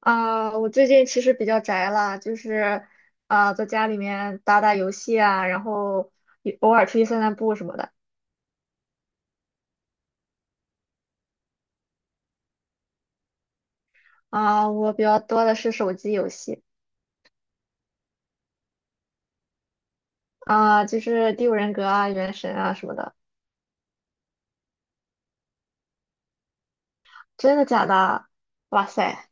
啊，我最近其实比较宅了，就是啊，在家里面打打游戏啊，然后也偶尔出去散散步什么的。啊，我比较多的是手机游戏啊，就是《第五人格》啊、《原神》啊什么的。真的假的？哇塞！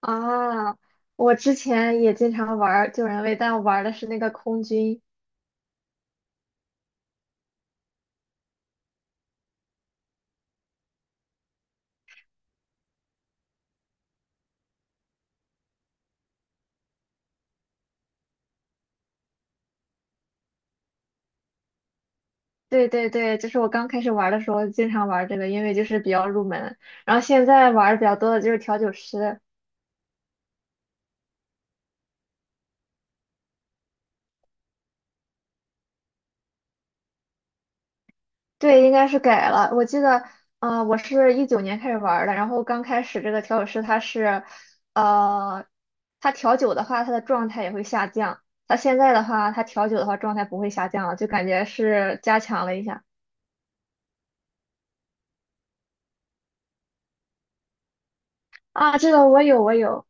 啊，我之前也经常玩儿救人位，但我玩儿的是那个空军。对对对，就是我刚开始玩儿的时候经常玩儿这个，因为就是比较入门。然后现在玩儿的比较多的就是调酒师。对，应该是改了。我记得，我是19年开始玩儿的，然后刚开始这个调酒师呃，他调酒的话，他的状态也会下降。他现在的话，他调酒的话，状态不会下降了，就感觉是加强了一下。啊，这个我有，我有。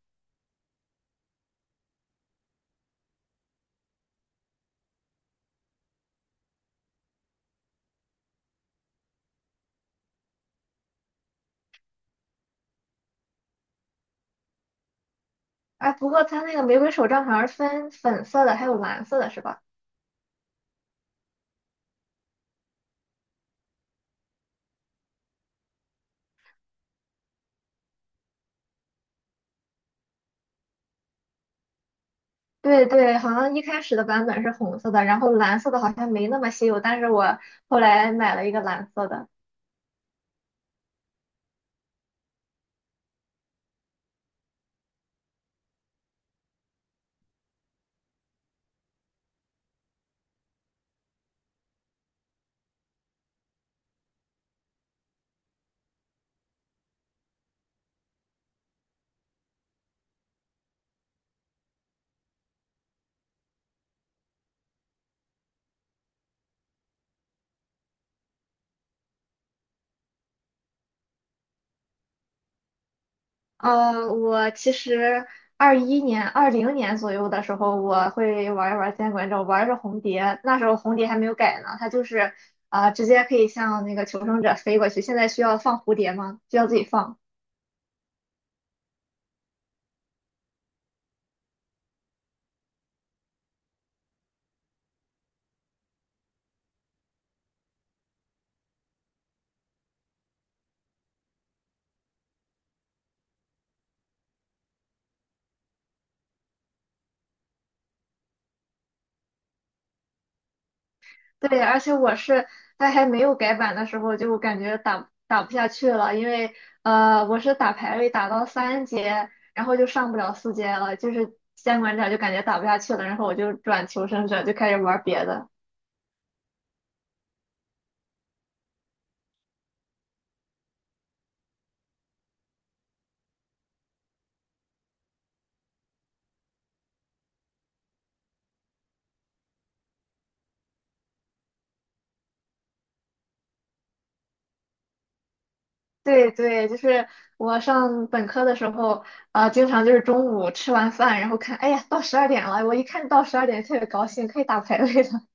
哎，不过他那个玫瑰手杖好像是分粉色的，还有蓝色的，是吧？对对，好像一开始的版本是红色的，然后蓝色的好像没那么稀有，但是我后来买了一个蓝色的。我其实二一年、20年左右的时候，我会玩一玩《监管者，玩着红蝶。那时候红蝶还没有改呢，它就是直接可以向那个求生者飞过去。现在需要放蝴蝶吗？需要自己放。对，而且我是在还没有改版的时候，就感觉打不下去了，因为我是打排位打到三阶，然后就上不了四阶了，就是监管者就感觉打不下去了，然后我就转求生者，就开始玩别的。对对，就是我上本科的时候，经常就是中午吃完饭，然后看，哎呀，到十二点了，我一看到十二点特别高兴，可以打排位了。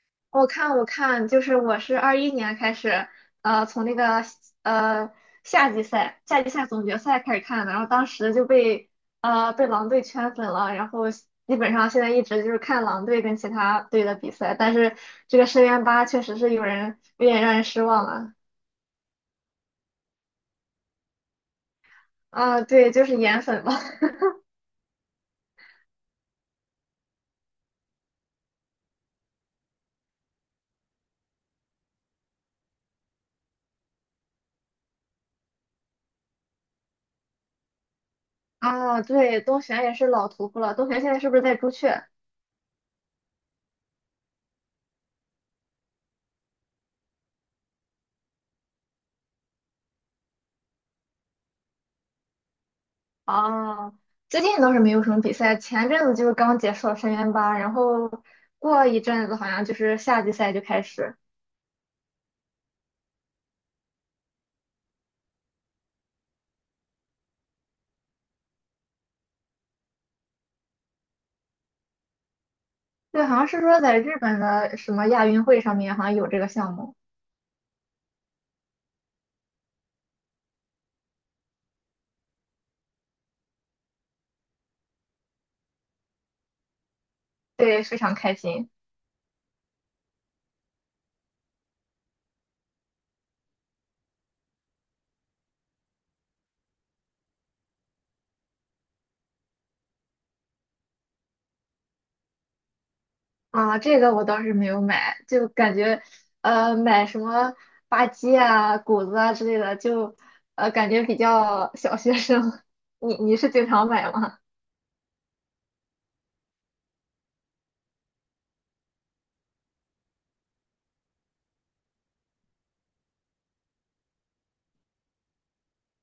我看，我看，就是我是二一年开始，从那个呃夏季赛总决赛开始看的，然后当时就被狼队圈粉了，然后基本上现在一直就是看狼队跟其他队的比赛，但是这个深渊八确实是有人有点让人失望了啊，对，就是颜粉吧。啊，对，东玄也是老屠夫了。东玄现在是不是在朱雀？啊，最近倒是没有什么比赛，前阵子就是刚结束了深渊八，然后过一阵子好像就是夏季赛就开始。对，好像是说在日本的什么亚运会上面好像有这个项目，对，非常开心啊。这个我倒是没有买，就感觉买什么吧唧啊、谷子啊之类的，就感觉比较小学生。你是经常买吗？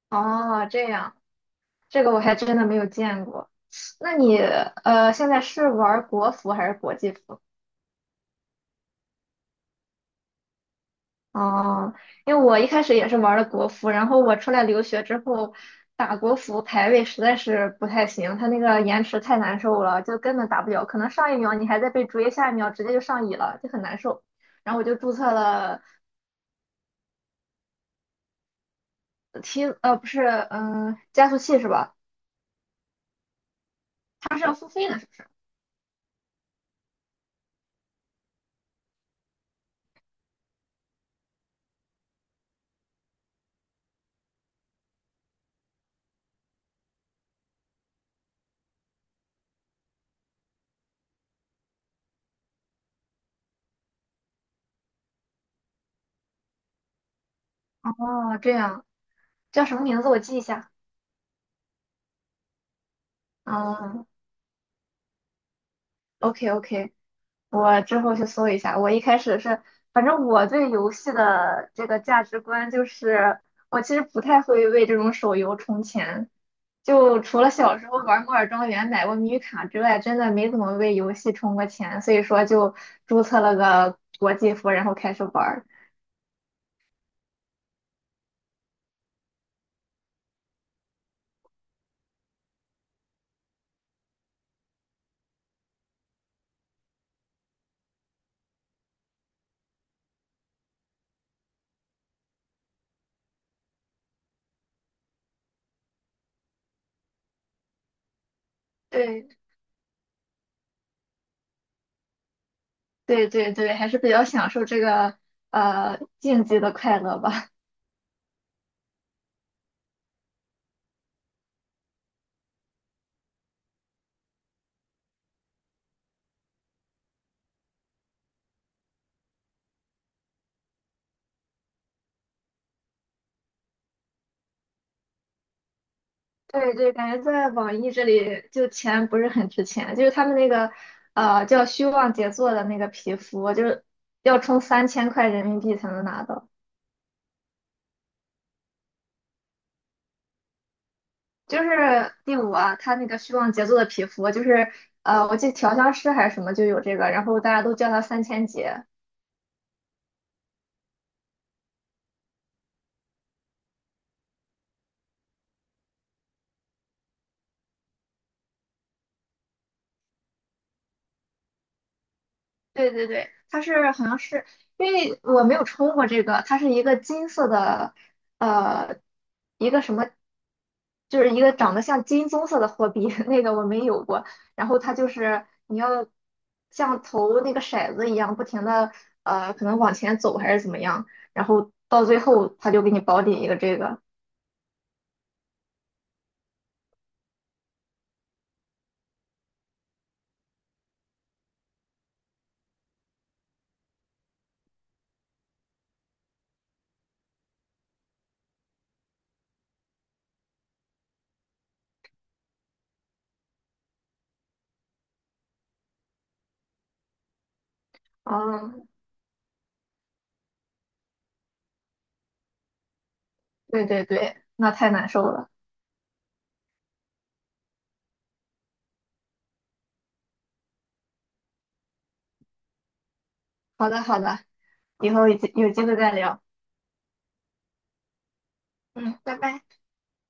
哦，这样这个我还真的没有见过。那你现在是玩国服还是国际服？哦，因为我一开始也是玩的国服，然后我出来留学之后，打国服排位实在是不太行，它那个延迟太难受了，就根本打不了。可能上一秒你还在被追，下一秒直接就上椅了，就很难受。然后我就注册了 不是，嗯、加速器是吧？它是要付费的是吧。哦，这样叫什么名字？我记一下。嗯，OK OK。我之后去搜一下。我一开始是，反正我对游戏的这个价值观就是，我其实不太会为这种手游充钱，就除了小时候玩《摩尔庄园》买过米卡之外，真的没怎么为游戏充过钱，所以说就注册了个国际服，然后开始玩儿。对对对对，还是比较享受这个竞技的快乐吧。对对，感觉在网易这里就钱不是很值钱，就是他们那个叫虚妄杰作的那个皮肤，就是要充3000块人民币才能拿到。就是第五啊，他那个虚妄杰作的皮肤，就是我记得调香师还是什么就有这个，然后大家都叫他三千杰。对对对，它是好像是因为我没有抽过这个，它是一个金色的，呃，一个什么，就是一个长得像金棕色的货币，那个我没有过。然后它就是你要像投那个骰子一样，不停的可能往前走还是怎么样，然后到最后它就给你保底一个这个。嗯，对对对，那太难受了。好的好的，以后有机会再聊。嗯，拜拜。